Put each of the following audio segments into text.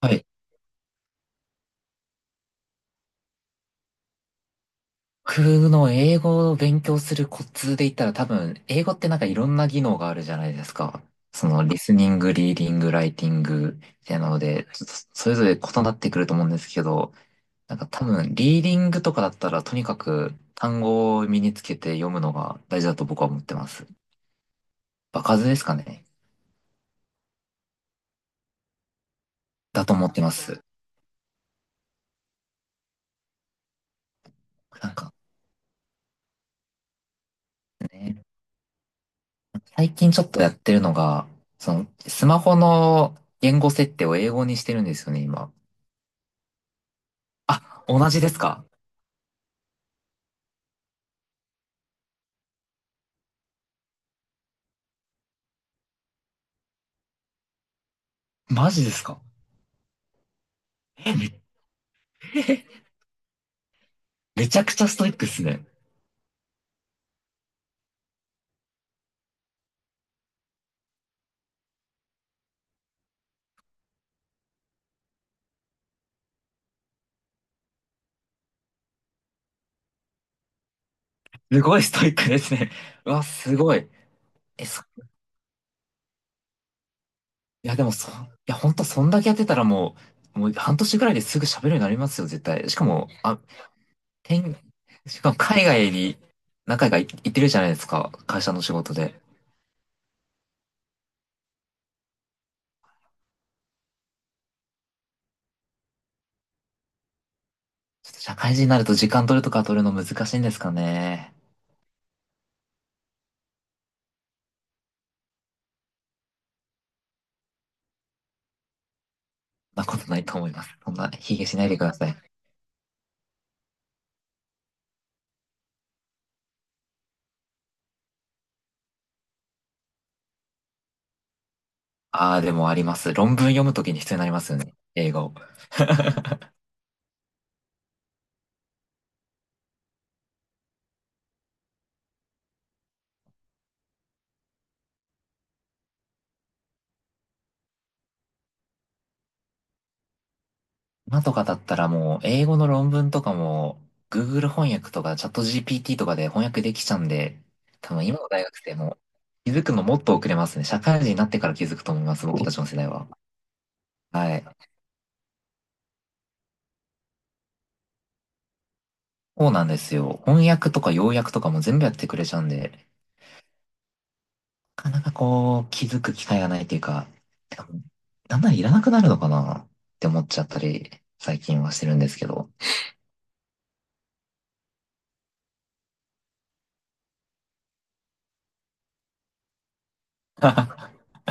はい。僕の英語を勉強するコツで言ったら多分、英語ってなんかいろんな技能があるじゃないですか。その、リスニング、リーディング、ライティング、みたいなので、ちょっとそれぞれ異なってくると思うんですけど、なんか多分、リーディングとかだったらとにかく単語を身につけて読むのが大事だと僕は思ってます。場数ですかね。だと思ってます。なんかね、最近ちょっとやってるのが、その、スマホの言語設定を英語にしてるんですよね、今。あ、同じですか？マジですか？えめ、めちゃくちゃストイックですね。すごいストイックですね。うわ、すごい。え、そ、いや、でもそ、いや、ほんと、そんだけやってたらもう半年ぐらいですぐ喋るようになりますよ、絶対。しかも、あ、てん、しかも海外に何回か行ってるじゃないですか、会社の仕事で。ちょっと社会人になると時間取るとか取るの難しいんですかね。そんなことないと思います。そんな、卑下しないでください。ああ、でもあります。論文読むときに必要になりますよね。英語。今とかだったらもう英語の論文とかも Google 翻訳とかチャット GPT とかで翻訳できちゃうんで、多分今の大学生も気づくのもっと遅れますね。社会人になってから気づくと思います、僕たちの世代は。はい。そうなんですよ。翻訳とか要約とかも全部やってくれちゃうんで、なかなかこう気づく機会がないというか、てか、だんだんいらなくなるのかなって思っちゃったり、最近はしてるんですけど。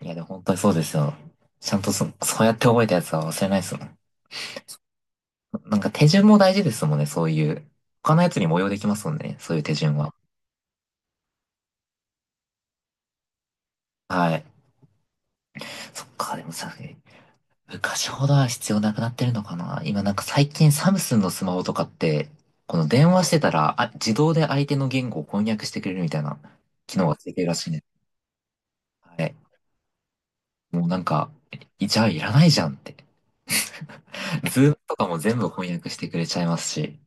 いや、でも本当にそうですよ。ちゃんとそうやって覚えたやつは忘れないですもん。なんか手順も大事ですもんね、そういう。他のやつにも応用できますもんね、そういう手順は。はい。そっか、でもさ、昔ほどは必要なくなってるのかな。今なんか最近サムスンのスマホとかって、この電話してたら、あ、自動で相手の言語を翻訳してくれるみたいな機能がついてるらしいね。はい。もうなんか、いじゃあいらないじゃんって。ズームとかも全部翻訳してくれちゃいますし。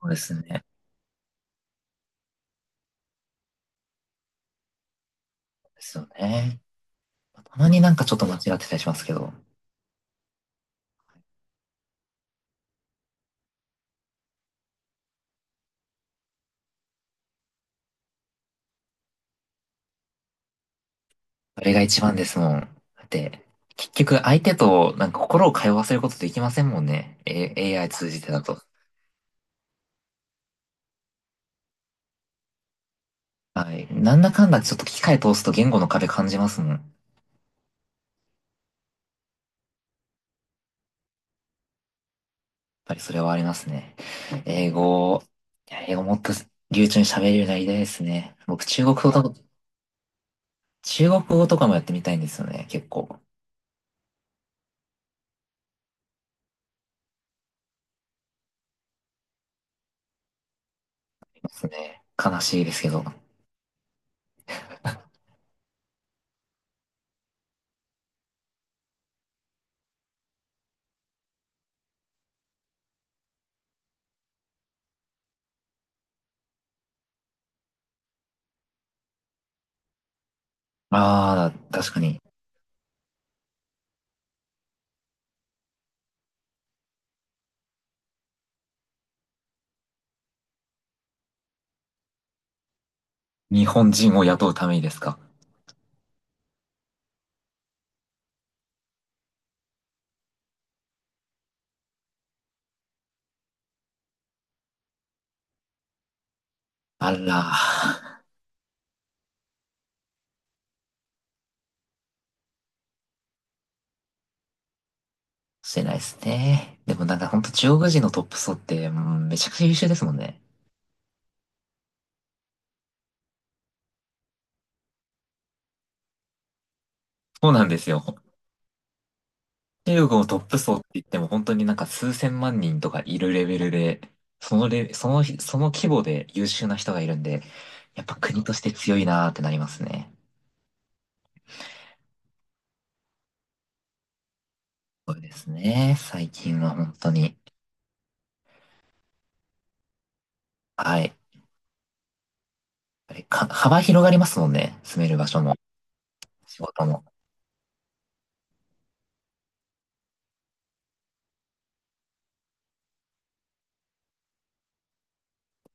そうですね。そうですよね。たまになんかちょっと間違ってたりしますけど、あれが一番ですもん。だって、結局相手となんか心を通わせることできませんもんね。AI 通じてだと。はい。なんだかんだちょっと機械通すと言語の壁感じますもん。やっぱりそれはありますね。英語、いや、英語もっと流暢に喋れるようになりたいですね。僕中国語と、中国語とかもやってみたいんですよね。結構。ですね。悲しいですけど。ああ、確かに。日本人を雇うためにですか？あら。してないですね。でもなんかほんと中国人のトップ層って、うん、めちゃくちゃ優秀ですもんね。そうなんですよ。中国のトップ層って言っても本当になんか数千万人とかいるレベルで、そのレ、その、その規模で優秀な人がいるんで、やっぱ国として強いなーってなりますね。そうですね。最近は本当に。はい。やっぱりか、幅広がりますもんね。住める場所も、仕事も。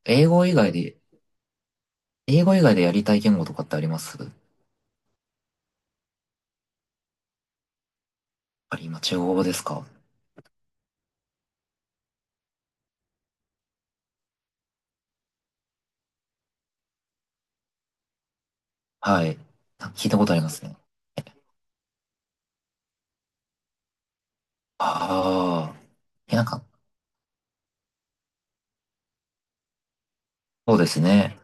英語以外で、英語以外でやりたい言語とかってありますやっぱり今中国語ですか？はい。なんか聞いたことありますね。ああ。いやなんか、そうですね。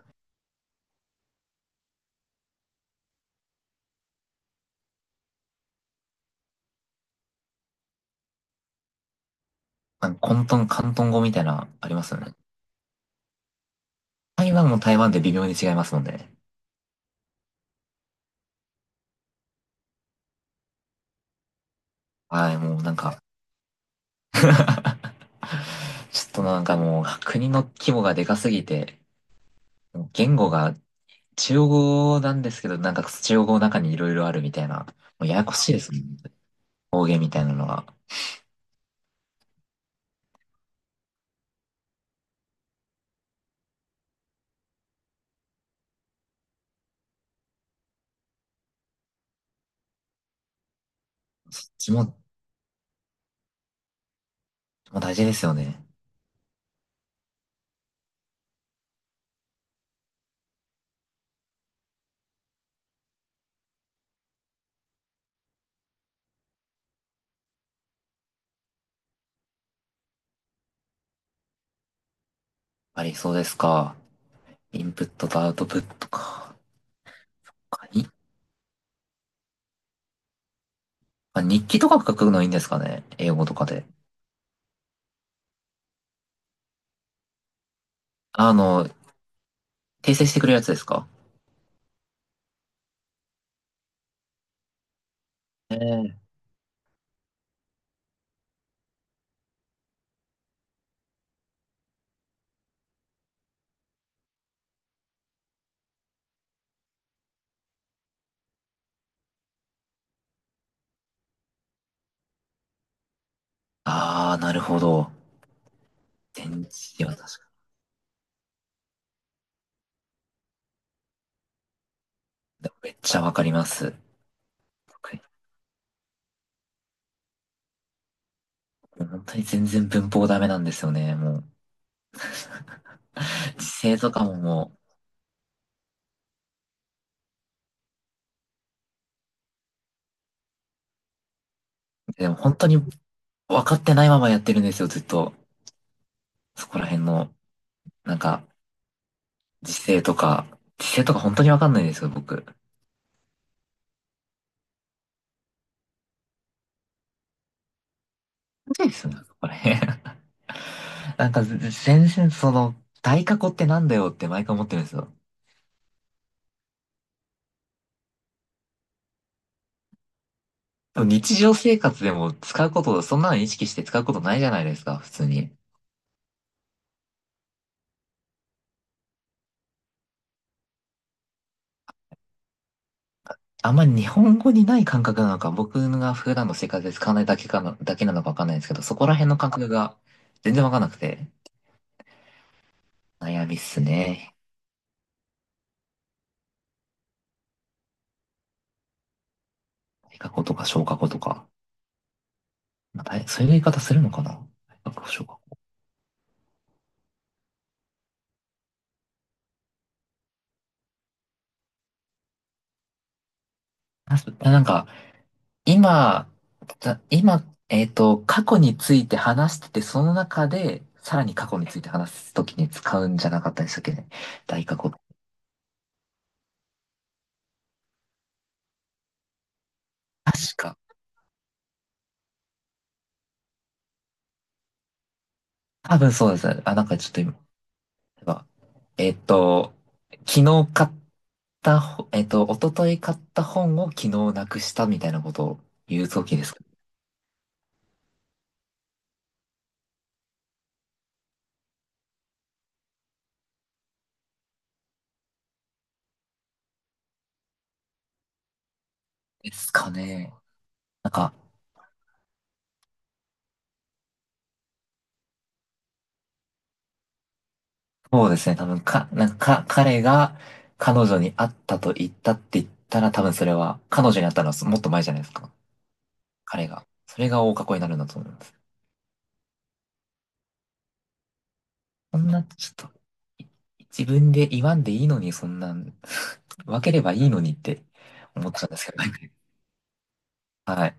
なんか、広東語みたいな、ありますよね。台湾も台湾で微妙に違いますもんね。はい、もうなんか。 ちょっとなんかもう、国の規模がでかすぎて、もう言語が中国語なんですけど、なんか中国語の中にいろいろあるみたいな、もうややこしいですもんね。方言みたいなのが。そっちも、もう大事ですよね。やっぱりそうですか。インプットとアウトプットか。他に、あ、日記とか書くのいいんですかね英語とかで。あの、訂正してくれるやつですか？ええ。ああ、なるほど。全然、は確かに。でもめっちゃわかります。僕もう本当に全然文法ダメなんですよね。もう、時制とかも、もう、でも本当に分かってないままやってるんですよ、ずっと。そこら辺の、なんか、時制とか、時制とか本当にわかんないんですよ、僕。そうですね、そこら辺。なんか、全然その、大過去ってなんだよって毎回思ってるんですよ。でも日常生活でも使うこと、そんなの意識して使うことないじゃないですか、普通に。あんまり日本語にない感覚なのか、僕が普段の生活で使わないだけかな、だけなのかわかんないですけど、そこら辺の感覚が全然わかんなくて、悩みっすね。大過去とか小過去とか。まあ、大そういう言い方するのかな、対過去、小過去。あそなんか、今、た今、えっと、過去について話してて、その中で、さらに過去について話すときに使うんじゃなかったでしたっけね。大過去。確か。多分そうです。あ、なんかちょっと今、例えばえっと、昨日買ったほ、えっと、一昨日買った本を昨日なくしたみたいなことを言うときですか？ですかね。なんか、そうですね。多分か、なんか、か、彼が彼女に会ったと言ったって言ったら、多分それは、彼女に会ったのはもっと前じゃないですか。彼が。それが大過去になるんだと思います。そんな、ちょっと、い自分で言わんでいいのに、そんなん、分ければいいのにって思っちゃうんですけど。はい。